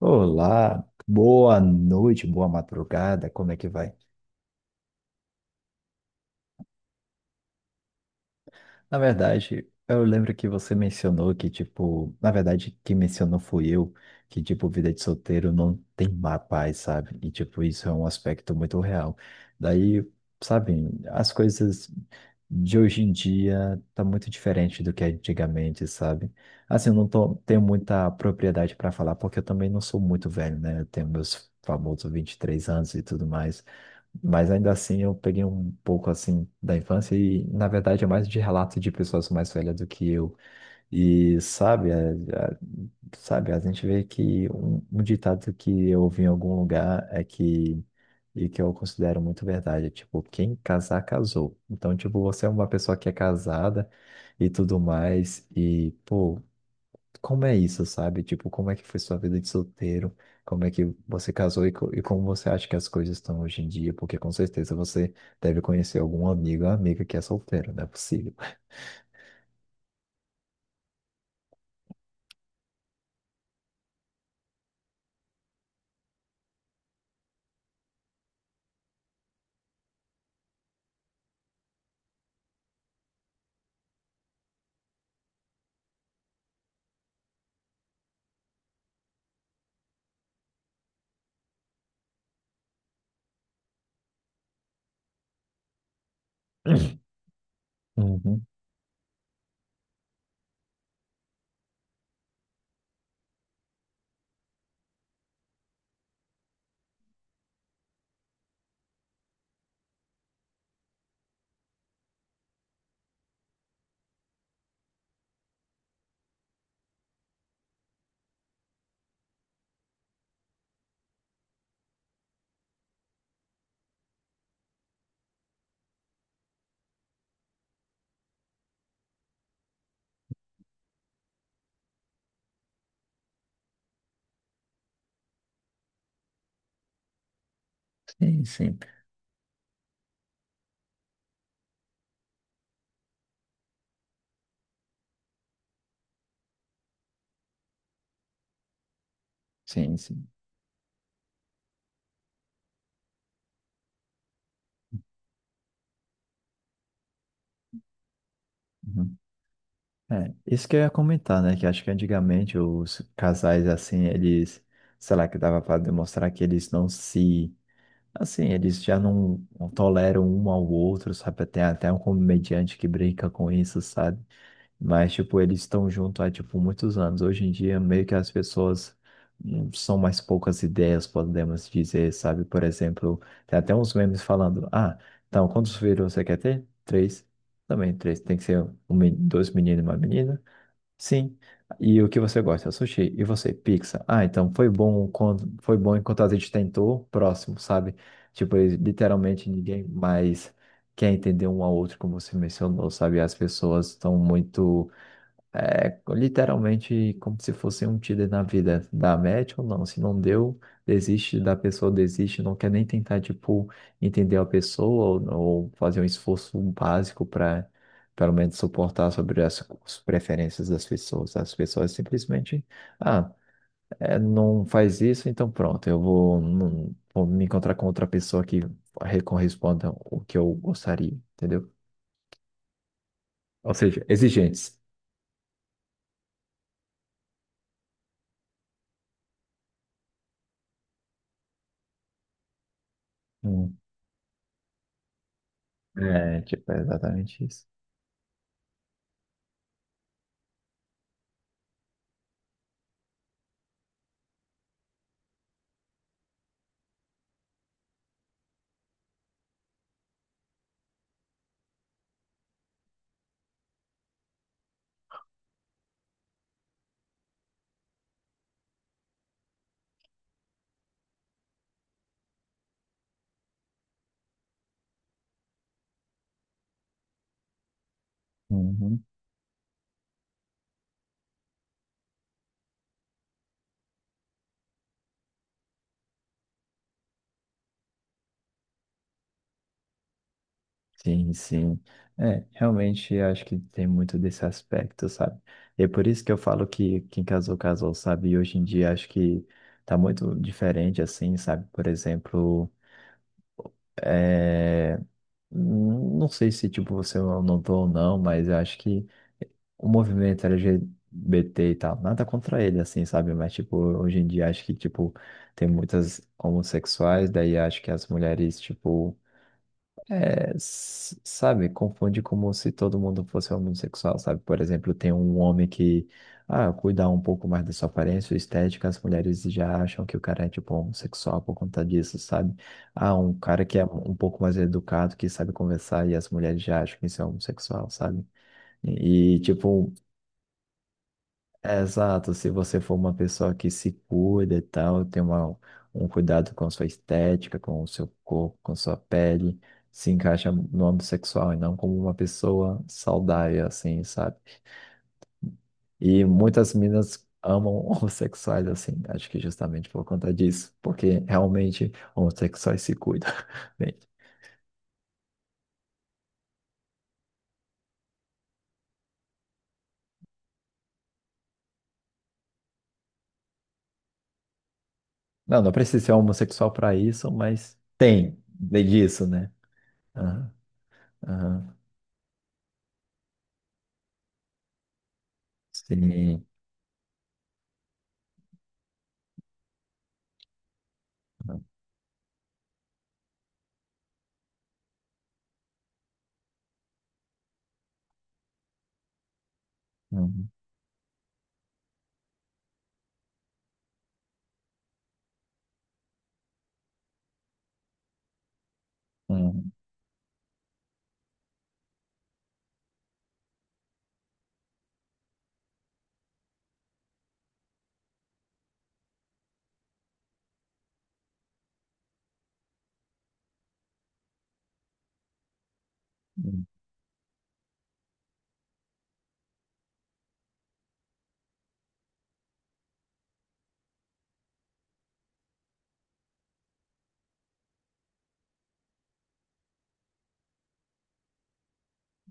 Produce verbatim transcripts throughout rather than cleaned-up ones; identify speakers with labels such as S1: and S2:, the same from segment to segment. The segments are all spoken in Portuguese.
S1: Olá, boa noite, boa madrugada, como é que vai? Na verdade, eu lembro que você mencionou que, tipo, na verdade, quem mencionou fui eu, que, tipo, vida de solteiro não tem má paz, sabe? E, tipo, isso é um aspecto muito real. Daí, sabe, as coisas de hoje em dia tá muito diferente do que é antigamente, sabe? Assim, eu não tô, tenho muita propriedade para falar, porque eu também não sou muito velho, né? Eu tenho meus famosos vinte e três anos e tudo mais. Mas ainda assim eu peguei um pouco assim da infância e na verdade é mais de relato de pessoas mais velhas do que eu. E sabe, a, a- sabe, a gente vê que um, um ditado que eu ouvi em algum lugar é que e que eu considero muito verdade, é tipo, quem casar casou. Então, tipo, você é uma pessoa que é casada e tudo mais e pô, como é isso, sabe? Tipo, como é que foi sua vida de solteiro? Como é que você casou e, co- e como você acha que as coisas estão hoje em dia? Porque com certeza você deve conhecer algum amigo ou amiga que é solteiro, não é possível. Uhum. Sim, sim, sim, sim. Uhum. É, isso que eu ia comentar, né? Que acho que antigamente os casais, assim, eles, sei lá, que dava para demonstrar que eles não se. Assim, eles já não, não toleram um ao outro, sabe? Tem até um comediante que brinca com isso, sabe? Mas, tipo, eles estão junto há, tipo, muitos anos. Hoje em dia, meio que as pessoas hum, são mais poucas ideias, podemos dizer, sabe? Por exemplo, tem até uns memes falando, ah, então, quantos filhos você quer ter? Três. Também três. Tem que ser um, men- dois meninos e uma menina. Sim. E o que você gosta? Sushi. E você? Pizza. Ah, então, foi bom quando, foi bom enquanto a gente tentou. Próximo, sabe? Tipo, eles- literalmente ninguém mais quer entender um ao outro, como você mencionou, sabe? As pessoas estão muito é literalmente como se fosse um Tinder na vida. Dá match ou não? Se não deu, desiste da pessoa, desiste, não quer nem tentar, tipo, entender a pessoa ou, ou fazer um esforço básico para, pelo menos, suportar sobre as, as preferências das pessoas. As pessoas simplesmente, ah, é, não faz isso, então pronto, eu vou, não- vou me encontrar com outra pessoa que re- corresponda o que eu gostaria, entendeu? Ou seja, exigentes. Hum. É, tipo, é exatamente isso. Uhum. Sim, sim. É, realmente eu acho que tem muito desse aspecto, sabe? E é por isso que eu falo que quem casou, casou, sabe? E hoje em dia acho que tá muito diferente, assim, sabe? Por exemplo, é... hum, não sei se, tipo, você notou ou não, mas eu acho que o movimento L G B T e tal, nada contra ele, assim, sabe? Mas, tipo, hoje em dia acho que, tipo, tem muitas homossexuais, daí acho que as mulheres, tipo É, s- sabe, confunde como se todo mundo fosse homossexual, sabe? Por exemplo, tem um homem que, ah, cuida um pouco mais da sua aparência estética, as mulheres já acham que o cara é, tipo, homossexual por conta disso, sabe? Ah, um cara que é um pouco mais educado, que sabe conversar, e as mulheres já acham que isso é homossexual, sabe? E, e, tipo, é, exato, se você for uma pessoa que se cuida e tal, tem uma, um cuidado com sua estética, com o seu corpo, com sua pele, se encaixa no âmbito sexual e não como uma pessoa saudável, assim, sabe? E muitas meninas amam homossexuais, assim, acho que justamente por conta disso, porque realmente homossexuais se cuidam. Bem, não, não precisa ser homossexual para isso, mas tem de- disso, né? Aham, aham, sim. Uhum, uhum. Uhum.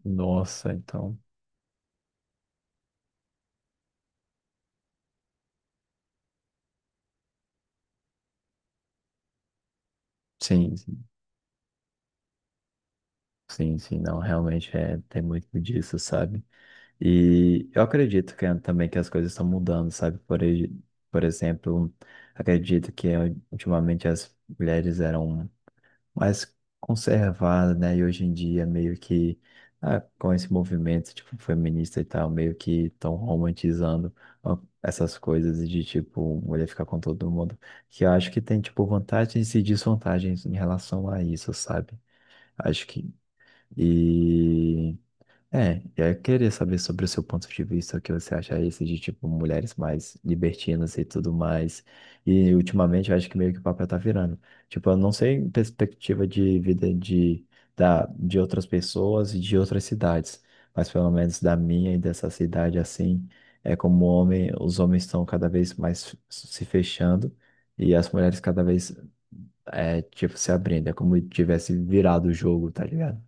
S1: Nossa, então. Sim, sim, sim, sim, não, realmente é, tem muito disso, sabe? E eu acredito que é também que as coisas estão mudando, sabe? Por, e- por exemplo, acredito que eh, ultimamente as mulheres eram mais conservada, né? E hoje em dia meio que ah, com esse movimento tipo feminista e tal, meio que estão romantizando ó, essas coisas de tipo mulher ficar com todo mundo, que eu acho que tem tipo vantagens e desvantagens em relação a isso, sabe? Acho que e é, eu queria saber sobre o seu ponto de vista, o que você acha esse de, tipo, mulheres mais libertinas e tudo mais. E, ultimamente, eu acho que meio que o papel tá virando. Tipo, eu não sei em perspectiva de vida de, da, de outras pessoas e de outras cidades, mas pelo menos da minha e dessa cidade, assim, é como homem, os homens estão cada vez mais se fechando e as mulheres cada vez, é, tipo, se abrindo. É como tivesse virado o jogo, tá ligado?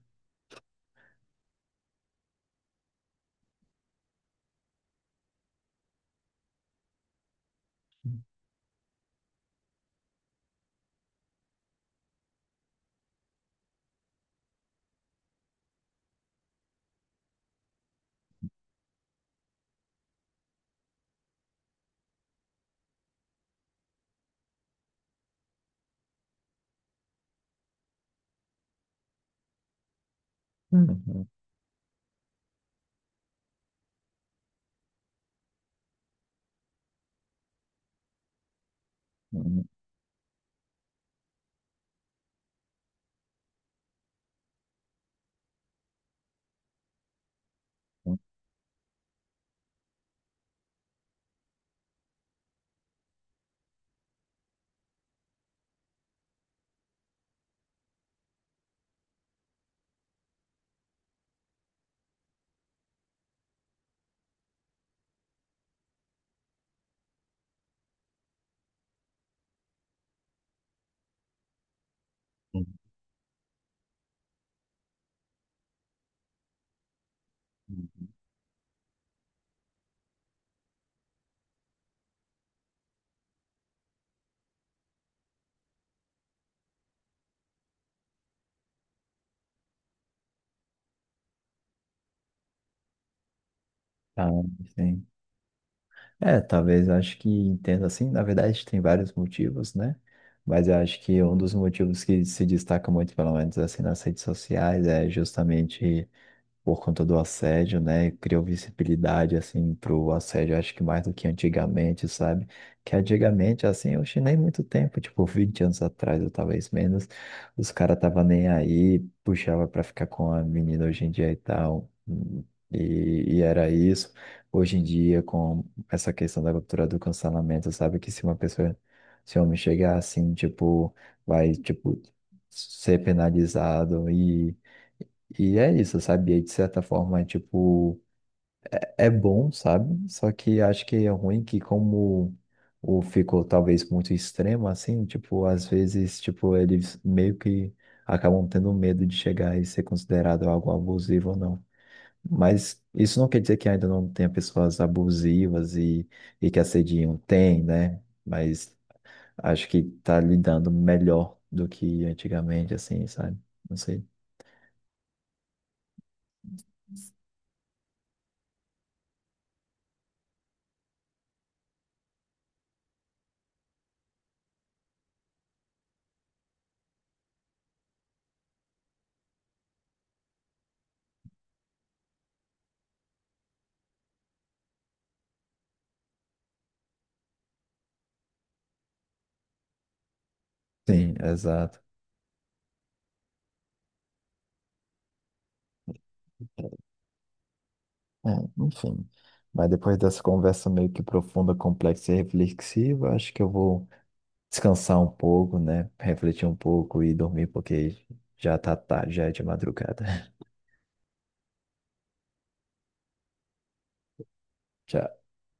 S1: Uhum. Uhum. Uhum, uhum. Ah, sim. É, talvez eu acho que entenda assim. Na verdade, tem vários motivos, né? Mas eu acho que um dos motivos que se destaca muito, pelo menos assim, nas redes sociais, é justamente por conta do assédio, né? Criou visibilidade, assim, pro assédio, acho que mais do que antigamente, sabe? Que antigamente, assim, eu achei nem muito tempo, tipo, vinte anos atrás, ou talvez menos, os caras tava nem aí, puxava pra ficar com a menina hoje em dia e tal. E, e era isso. Hoje em dia, com essa questão da cultura do cancelamento, sabe? Que se uma pessoa, se um homem chegar assim, tipo, vai, tipo, ser penalizado e e é isso, sabe? E aí, de certa forma, é, tipo, é bom, sabe? Só que acho que é ruim que como o ficou talvez muito extremo, assim, tipo, às vezes, tipo, eles meio que acabam tendo medo de chegar e ser considerado algo abusivo ou não. Mas isso não quer dizer que ainda não tenha pessoas abusivas e, e que assediam. Tem, né? Mas acho que tá lidando melhor do que antigamente, assim, sabe? Não sei. Sim, exato. É, enfim. Mas depois dessa conversa meio que profunda, complexa e reflexiva, acho que eu vou descansar um pouco, né? Refletir um pouco e dormir, porque já tá tarde, já é de madrugada. Tchau.